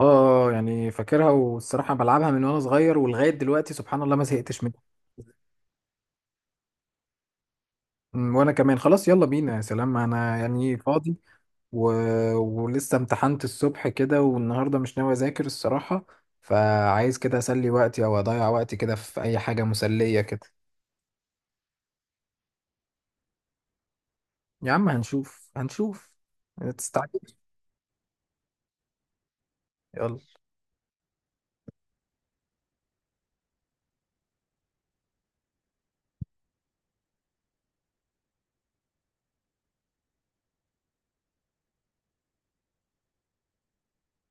اه يعني فاكرها، والصراحة بلعبها من وانا صغير ولغاية دلوقتي، سبحان الله ما زهقتش منها. وانا كمان، خلاص يلا بينا. يا سلام انا يعني فاضي و... ولسه امتحنت الصبح كده، والنهاردة مش ناوي اذاكر الصراحة، فعايز كده اسلي وقتي او اضيع وقتي كده في اي حاجة مسلية كده. يا عم هنشوف، ما تستعجلش، يلا.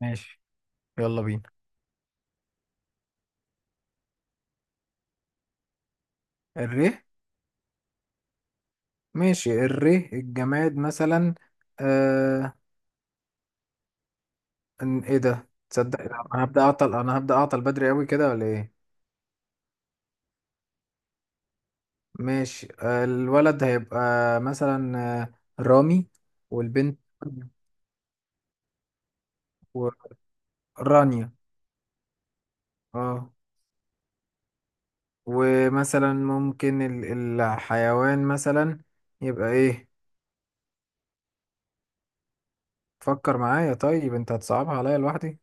ماشي، يلا بينا. الره. ماشي، الره الجماد مثلا. آه، ان ايه ده؟ تصدق انا هبدأ اعطل بدري قوي كده، ولا ايه؟ ماشي. الولد هيبقى مثلا رامي. والبنت ورانيا. اه. ومثلا ممكن الحيوان مثلا يبقى ايه؟ فكر معايا، طيب انت هتصعبها عليا لوحدي.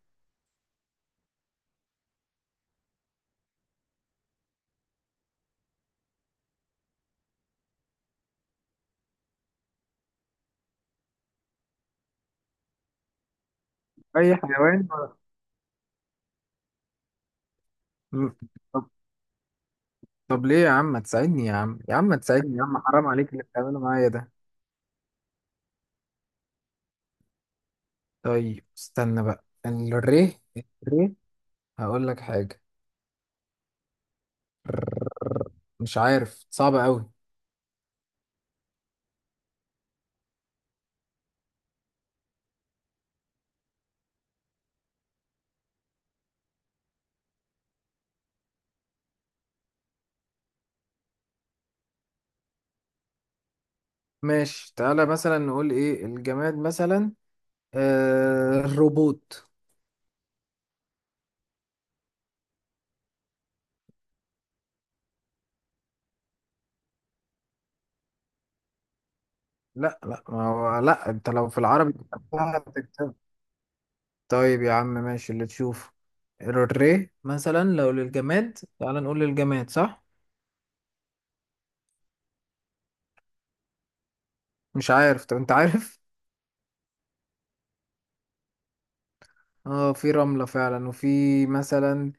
اي حيوان؟ م- طب. طب ليه يا عم ما تساعدني؟ يا عم يا عم ما تساعدني، يا عم حرام عليك اللي بتعمله معايا ده. طيب استنى بقى، الريه. الريه، هقول لك حاجة، مش عارف، صعبة قوي. ماشي، تعالى مثلا نقول ايه الجماد مثلا. آه، الروبوت. لا لا، ما هو لا، انت لو في العربي كتبتها هتكتب. طيب يا عم ماشي، اللي تشوفه. الري مثلا، لو للجماد، تعالى نقول للجماد، صح؟ مش عارف، طب انت عارف؟ اه، في رملة فعلا، وفي مثلا،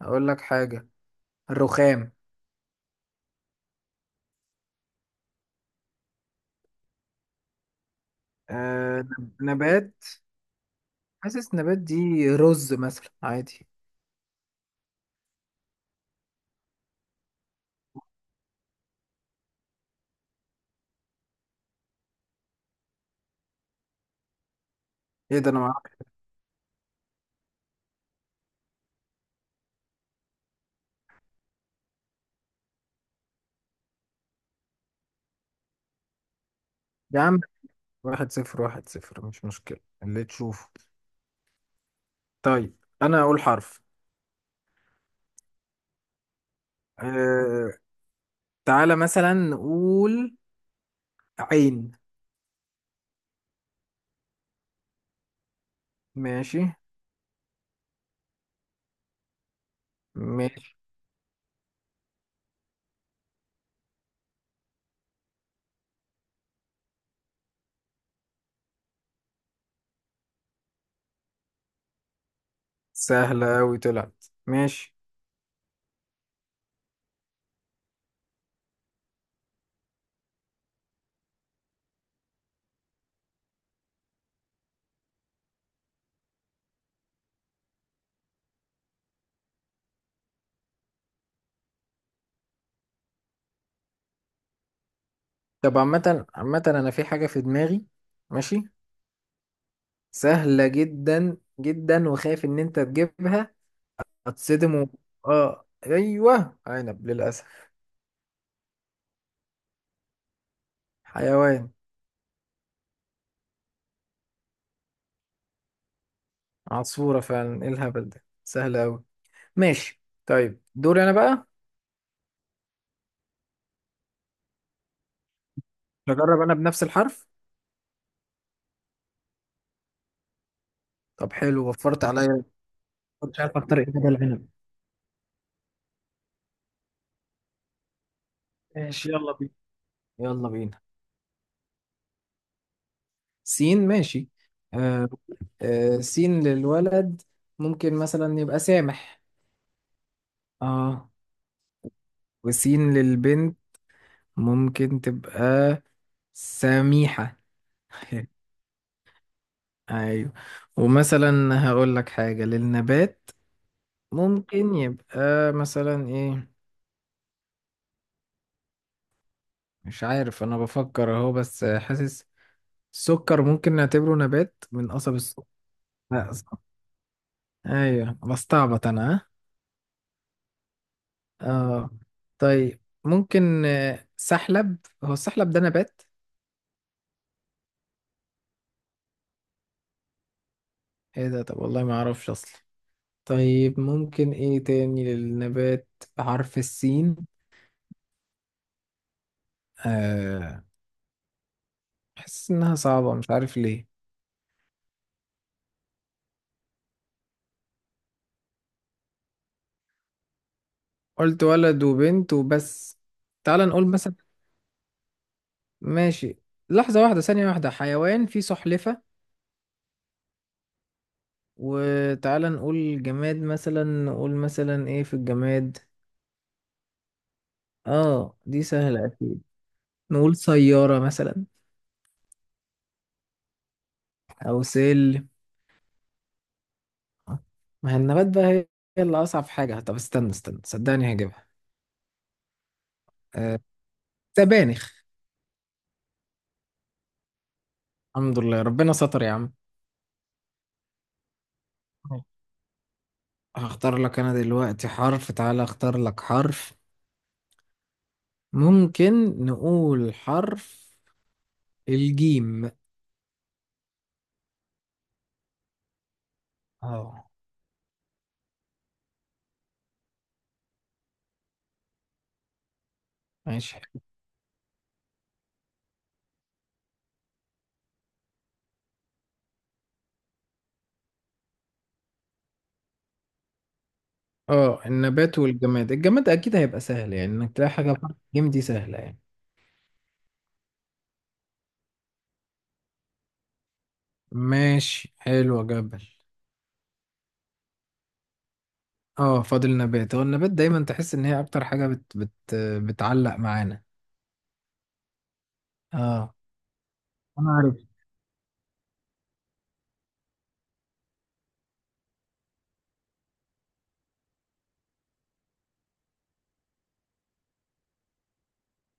اقول لك حاجة، الرخام. آه، نبات. حاسس نبات دي رز مثلا، عادي. ايه ده؟ انا معرفش. يا عم، واحد صفر واحد صفر مش مشكلة، اللي تشوفه. طيب أنا أقول حرف. أه... تعالى مثلا نقول عين. ماشي. ماشي. سهلة أوي طلعت، ماشي. طب عامة عامة، أنا في حاجة في دماغي. ماشي. سهلة جدا جدا، وخايف إن أنت تجيبها. هتصدم. آه، أيوه، عنب، للأسف. حيوان. عصفورة فعلا، إيه الهبل ده؟ سهلة أوي. ماشي، طيب دوري أنا بقى. هجرب أنا بنفس الحرف. طب حلو، وفرت عليا. كنتش عارف اختار ايه بدل العنب. ماشي، يلا بينا، يلا بينا. سين، ماشي. آه. آه، سين للولد ممكن مثلا يبقى سامح. اه. وسين للبنت، ممكن تبقى سميحة. ايوه. ومثلا هقول لك حاجة للنبات، ممكن يبقى مثلا ايه؟ مش عارف، انا بفكر اهو، بس حاسس السكر ممكن نعتبره نبات، من قصب السكر. لا. ايوه بستعبط انا، ها؟ اه. طيب ممكن سحلب. هو السحلب ده نبات؟ ايه ده؟ طب والله ما اعرفش اصلا. طيب ممكن ايه تاني للنبات، بحرف السين؟ آه. حاسس انها صعبة، مش عارف ليه. قلت ولد وبنت وبس. تعال نقول مثلا. ماشي، لحظة واحدة، ثانية واحدة، حيوان فيه سلحفة. وتعال نقول جماد، مثلا نقول مثلا ايه في الجماد. اه دي سهلة أكيد. نقول سيارة مثلا. أو سلم. ما هي النبات بقى هي، هي اللي أصعب حاجة. طب استنى استنى، صدقني هجيبها. أه، سبانخ. الحمد لله ربنا ستر يا عم. هختار لك أنا دلوقتي حرف، تعالى أختار لك حرف. ممكن نقول حرف الجيم. اه. ماشي. اه، النبات والجماد. الجماد أكيد هيبقى سهل، يعني إنك تلاقي حاجة بحرف الجيم دي سهلة يعني. ماشي حلو، يا جبل. اه فاضل النبات. هو النبات دايما تحس ان هي اكتر حاجة بت بتعلق معانا. اه، انا عارف.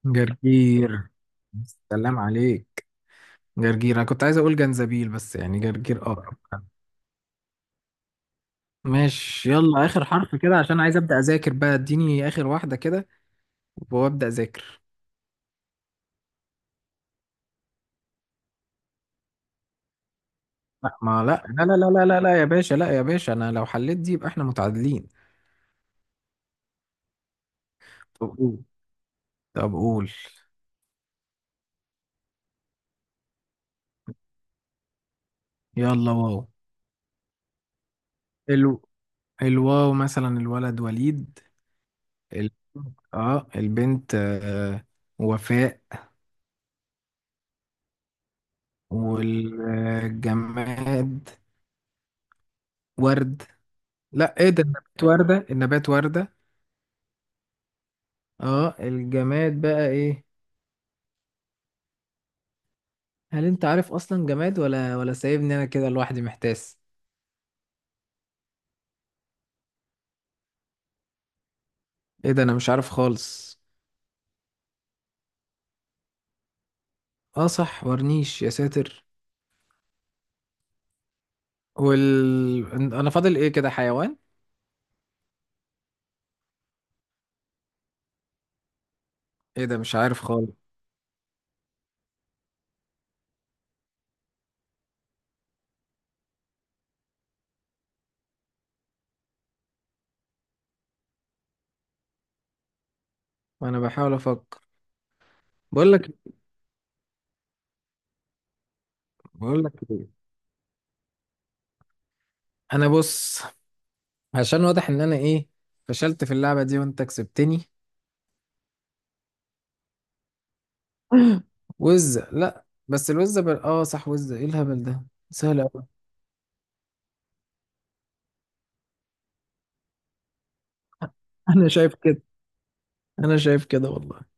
جرجير، سلام عليك. جرجير، انا كنت عايز اقول جنزبيل، بس يعني جرجير اقرب. ماشي، يلا اخر حرف كده، عشان عايز ابدا اذاكر بقى، اديني اخر واحدة كده وابدا اذاكر. لا ما لا لا لا لا لا لا لا يا باشا، لا يا باشا، انا لو حليت دي يبقى احنا متعادلين. طب قول، طب قول. يلا واو. الو. الواو مثلا، الولد وليد. ال... اه البنت، آه، وفاء. والجماد ورد. لا، ايه ده، النبات وردة، النبات وردة. اه الجماد بقى ايه؟ هل انت عارف اصلا جماد، ولا سايبني انا كده لوحدي محتاس؟ ايه ده، انا مش عارف خالص. اه صح، ورنيش، يا ساتر. وال، انا فاضل ايه كده، حيوان. ايه ده، مش عارف خالص. انا بحاول افكر. بقول لك، بقول لك ايه، انا بص، عشان واضح ان انا ايه، فشلت في اللعبة دي وانت كسبتني. وز لا بس الوز بل... اه صح، وز، ايه الهبل ده، سهل قوي. انا شايف كده، انا شايف كده والله.